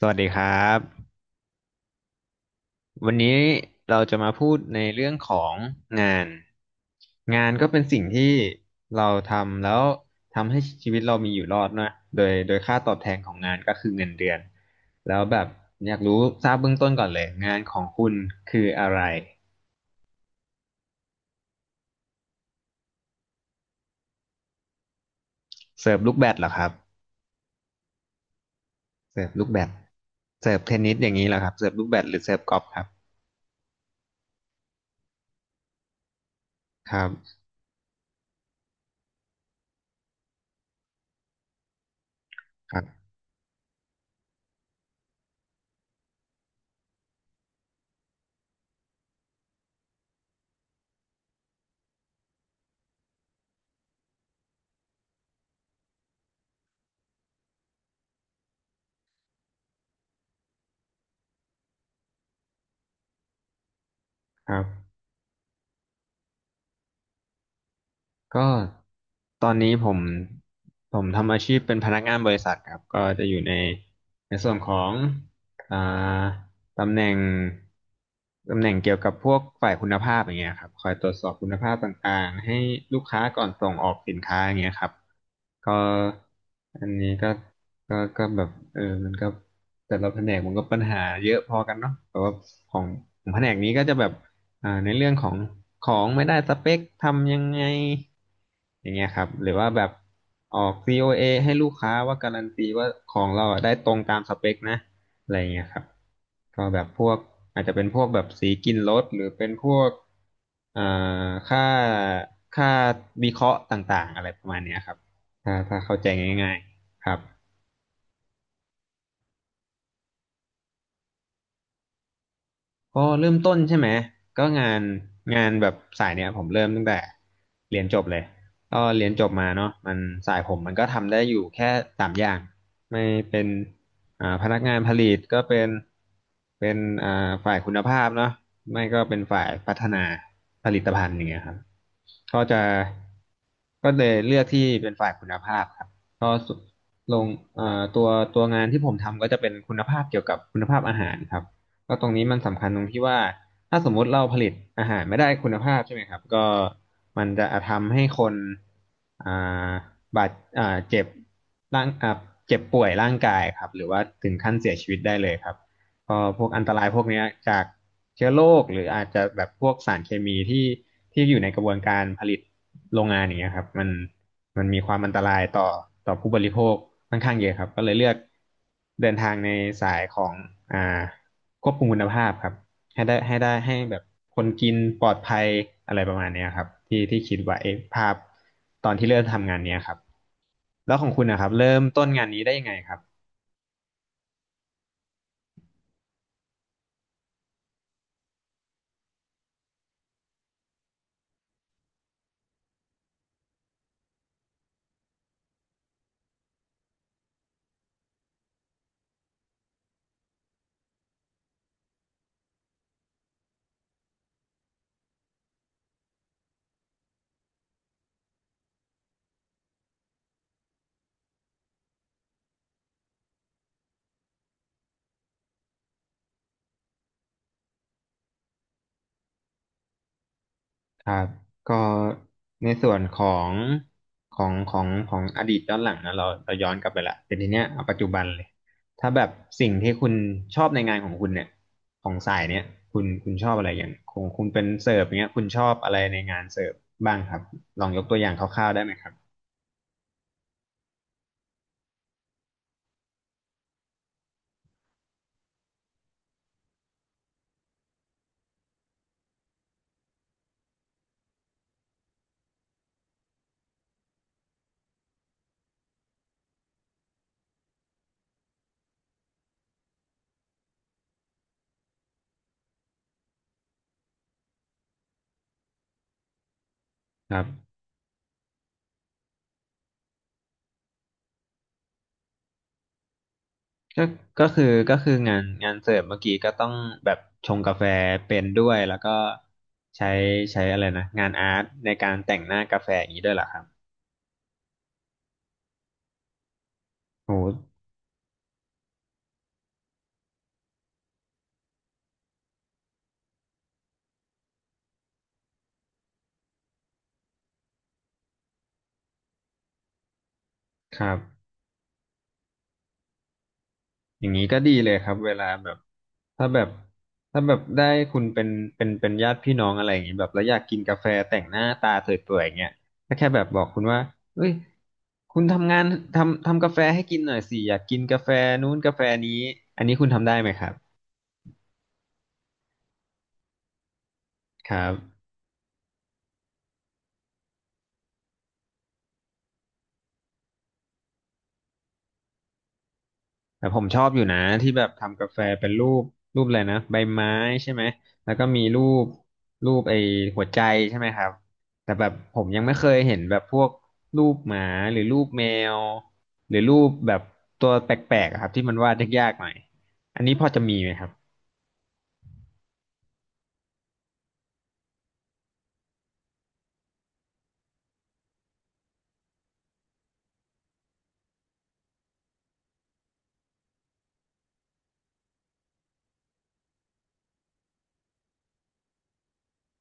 สวัสดีครับวันนี้เราจะมาพูดในเรื่องของงานงานก็เป็นสิ่งที่เราทำแล้วทำให้ชีวิตเรามีอยู่รอดนะโดยค่าตอบแทนของงานก็คือเงินเดือนแล้วแบบอยากรู้ทราบเบื้องต้นก่อนเลยงานของคุณคืออะไรเสิร์ฟลูกแบดเหรอครับเสิร์ฟลูกแบดเสิร์ฟเทนนิสอย่างนี้เหรอครับเสิร์ฟลูกแบดหรือเสิร์ฟกอล์ฟครับครับครับครับ ก็ตอนนี้ผมทำอาชีพเป็นพนักงานบริษัทครับก็จะอยู่ในในส่วนของอ่าตำแหน่งตำแหน่งเกี่ยวกับพวกฝ่ายคุณภาพอย่างเงี้ยครับคอยตรวจสอบคุณภาพต่างๆให้ลูกค้าก่อนส่งออกสินค้าอย่างเงี้ยครับก็อันนี้ก็ก็แบบเออมันก็แต่ละแผนกมันก็ปัญหาเยอะพอกันเนาะแต่ว่าของของแผนกนี้ก็จะแบบ ในเรื่องของของไม่ได้สเปคทำยังไงอย่างเงี้ยครับหรือว่าแบบออก COA ให้ลูกค้าว่าการันตีว่าของเราอะได้ตรงตามสเปคนะอะไรเงี้ยครับก็แบบพวกอาจจะเป็นพวกแบบสีกินรถหรือเป็นพวกอ่าค่าค่าวิเคราะห์ต่างๆอะไรประมาณเนี้ยครับถ้าเข้าใจง่ายๆครับ ก็เริ่มต้นใช่ไหมก็งานงานแบบสายเนี้ยผมเริ่มตั้งแต่เรียนจบเลยก็เรียนจบมาเนาะมันสายผมมันก็ทำได้อยู่แค่สามอย่างไม่เป็นพนักงานผลิตก็เป็นเป็นฝ่ายคุณภาพเนาะไม่ก็เป็นฝ่ายพัฒนาผลิตภัณฑ์อย่างเงี้ยครับก็จะก็เลยเลือกที่เป็นฝ่ายคุณภาพครับก็ลงตัวตัวงานที่ผมทำก็จะเป็นคุณภาพเกี่ยวกับคุณภาพอาหารครับ ก็ตรงนี้มันสำคัญตรงที่ว่าถ้าสมมุติเราผลิตอาหารไม่ได้คุณภาพใช่ไหมครับก็มันจะทำให้คนอ่าบาดเจ็บร่างเจ็บป่วยร่างกายครับหรือว่าถึงขั้นเสียชีวิตได้เลยครับก็พวกอันตรายพวกเนี้ยจากเชื้อโรคหรืออาจจะแบบพวกสารเคมีที่อยู่ในกระบวนการผลิตโรงงานอย่างเงี้ยครับมันมีความอันตรายต่อต่อผู้บริโภคค่อนข้างเยอะครับก็เลยเลือกเดินทางในสายของอ่า ควบคุมคุณภาพครับให้ได้ให้ได้ให้แบบคนกินปลอดภัยอะไรประมาณเนี้ยครับที่ที่คิดไว้ภาพตอนที่เริ่มทำงานเนี้ยครับแล้วของคุณนะครับเริ่มต้นงานนี้ได้ยังไงครับครับก็ในส่วนของของอดีตย้อนหลังนะเราเราย้อนกลับไปละแต่ทีเนี้ยเอาปัจจุบันเลยถ้าแบบสิ่งที่คุณชอบในงานของคุณเนี่ยของสายเนี้ยคุณชอบอะไรอย่างของคุณเป็นเสิร์ฟอย่างเงี้ยคุณชอบอะไรในงานเสิร์ฟบ้างครับลองยกตัวอย่างคร่าวๆได้ไหมครับครับ ก็ก็คือก็คืองานงานเสิร์ฟเมื่อกี้ก็ต้องแบบชงกาแฟเป็นด้วยแล้วก็ใช้ใช้อะไรนะงานอาร์ตในการแต่งหน้ากาแฟอย่างนี้ด้วยเหรอครับโหครับอย่างนี้ก็ดีเลยครับเวลาแบบถ้าแบบถ้าแบบได้คุณเป็นเป็นญาติพี่น้องอะไรอย่างนี้แบบแล้วอยากกินกาแฟแต่งหน้าตาสวยๆอย่างเงี้ยก็แค่แบบบอกคุณว่าเอ้ยคุณทำงานทำกาแฟให้กินหน่อยสิอยากกินกาแฟนู้นกาแฟนี้อันนี้คุณทำได้ไหมครับครับ แต่ผมชอบอยู่นะที่แบบทำกาแฟเป็นรูปรูปอะไรนะใบไม้ใช่ไหมแล้วก็มีรูปรูปไอ้หัวใจใช่ไหมครับแต่แบบผมยังไม่เคยเห็นแบบพวกรูปหมาหรือรูปแมวหรือรูปแบบตัวแปลกๆอะครับที่มันวาดยากๆหน่อยอันนี้พอจะมีไหมครับ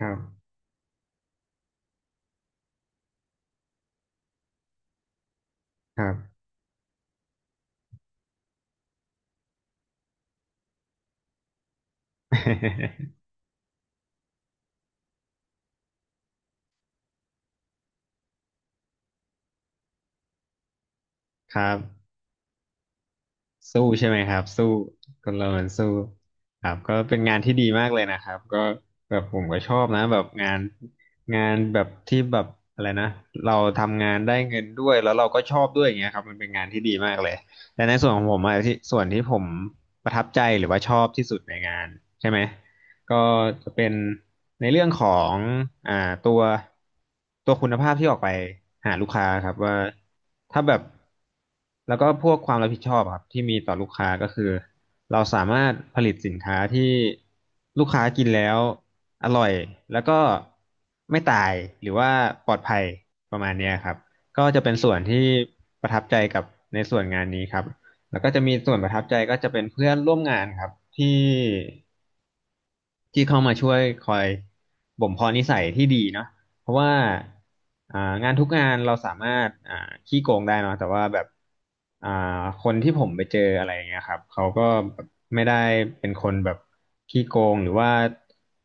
ครับครับ ครับ สู้ใช่ไหมครับสู้คนเรามันสู้ครับก็เป็นงานที่ดีมากเลยนะครับก็แบบผมก็ชอบนะแบบงานงานแบบที่แบบอะไรนะเราทำงานได้เงินด้วยแล้วเราก็ชอบด้วยอย่างเงี้ยครับมันเป็นงานที่ดีมากเลยแต่ในส่วนของผมอะที่ส่วนที่ผมประทับใจหรือว่าชอบที่สุดในงานใช่ไหม ก็จะเป็นในเรื่องของอ่าตัวตัวคุณภาพที่ออกไปหาลูกค้าครับว่าถ้าแบบแล้วก็พวกความรับผิดชอบครับที่มีต่อลูกค้าก็คือเราสามารถผลิตสินค้าที่ลูกค้ากินแล้วอร่อยแล้วก็ไม่ตายหรือว่าปลอดภัยประมาณเนี้ยครับก็จะเป็นส่วนที่ประทับใจกับในส่วนงานนี้ครับแล้วก็จะมีส่วนประทับใจก็จะเป็นเพื่อนร่วมงานครับที่ ที่เข้ามาช่วยคอยบ่มเพาะนิสัยที่ดีเนาะเพราะว่าอ่างานทุกงานเราสามารถขี้โกงได้เนาะแต่ว่าแบบอ่าคนที่ผมไปเจออะไรอย่างเงี้ยครับเขาก็แบบไม่ได้เป็นคนแบบขี้โกงหรือว่า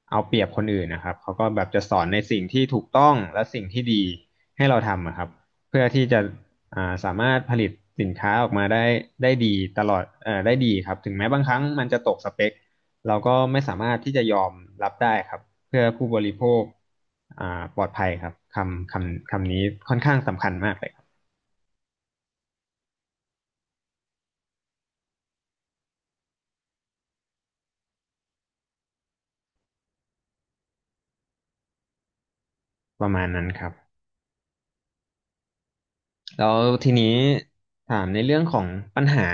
เอาเปรียบคนอื่นนะครับเขาก็แบบจะสอนในสิ่งที่ถูกต้องและสิ่งที่ดีให้เราทำอะครับเพื่อที่จะสามารถผลิตสินค้าออกมาได้ได้ดีตลอดได้ดีครับถึงแม้บางครั้งมันจะตกสเปค เราก็ไม่สามารถที่จะยอมรับได้ครับเพื่อผู้บริโภคอ่าปลอดภัยครับคำนี้ค่อนข้างสำคัญมากเลยครับประมาณนั้นครับแล้วทีนี้ถามในเรื่องของปัญหา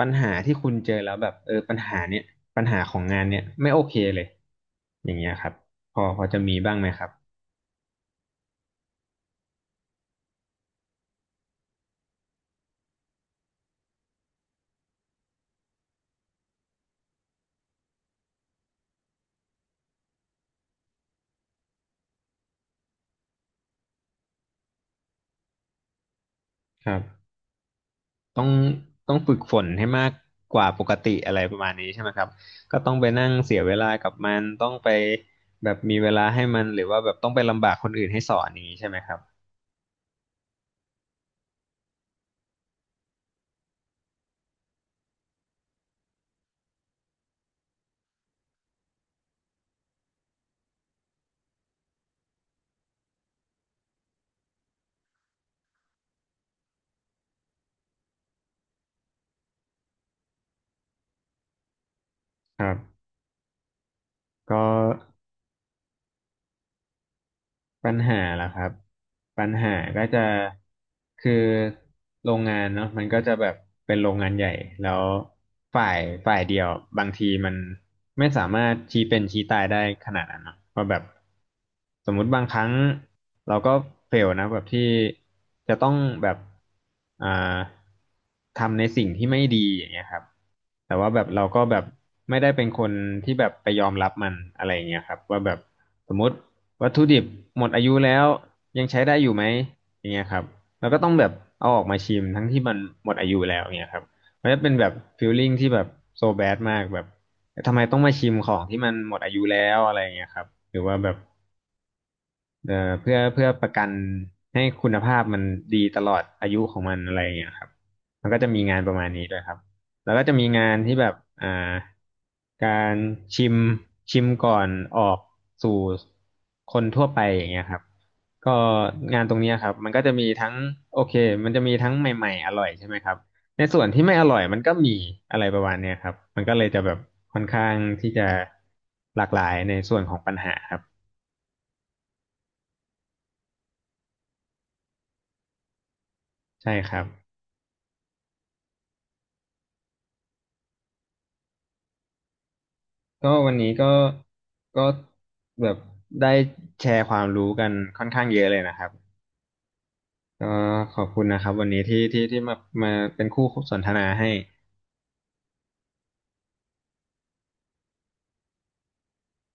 ปัญหาที่คุณเจอแล้วแบบเออปัญหาเนี่ยปัญหาของงานเนี่ยไม่โอเคเลยอย่างเงี้ยครับพอจะมีบ้างไหมครับครับ ต้องต้องฝึกฝนให้มากกว่าปกติอะไรประมาณนี้ใช่ไหมครับก็ต้องไปนั่งเสียเวลากับมันต้องไปแบบมีเวลาให้มันหรือว่าแบบต้องไปลำบากคนอื่นให้สอนอย่างนี้ใช่ไหมครับครับก็ ปัญหาล่ะครับปัญหาก็จะคือโรงงานเนาะมันก็จะแบบเป็นโรงงานใหญ่แล้วฝ่ายฝ่ายเดียวบางทีมันไม่สามารถชี้เป็นชี้ตายได้ขนาดนั้นเนาะเพราะแบบสมมุติบางครั้งเราก็เฟลนะแบบที่จะต้องแบบอ่าทำในสิ่งที่ไม่ดีอย่างเงี้ยครับแต่ว่าแบบเราก็แบบไม่ได้เป็นคนที่แบบไปยอมรับมันอะไรอย่างเงี้ยครับว่าแบบ สมมติวัตถุดิบหมดอายุแล้วยังใช้ได้อยู่ไหมอย่างเงี้ยครับแล้วก็ต้องแบบเอาออกมาชิมทั้งที่มันหมดอายุแล้วอย่างเงี้ยครับมันจะเป็นแบบฟีลลิ่งที่แบบโซแบดมากแบบทำไมต้องมาชิมของที่มันหมดอายุแล้วอะไรอย่างเงี้ยครับหรือว่าแบบ เอ่อเพื่อประกันให้คุณภาพมันดีตลอดอายุของมันอะไรอย่างเงี้ยครับมันก็จะมีงานประมาณนี้ด้วยครับ แล้วก็จะมีงานที่แบบอ่าการชิมชิมก่อนออกสู่คนทั่วไปอย่างเงี้ยครับก็งานตรงเนี้ยครับมันก็จะมีทั้งโอเคมันจะมีทั้งใหม่ๆอร่อยใช่ไหมครับในส่วนที่ไม่อร่อยมันก็มีอะไรประมาณเนี้ยครับ มันก็เลยจะแบบค่อนข้างที่จะหลากหลายในส่วนของปัญหาครับใช่ครับ ก็วันนี้ก็ก็แบบได้แชร์ความรู้กันค่อนข้างเยอะเลยนะครับก็ขอบคุณนะครับวันนี้ที่มามาเป็นคู่สนทนาให้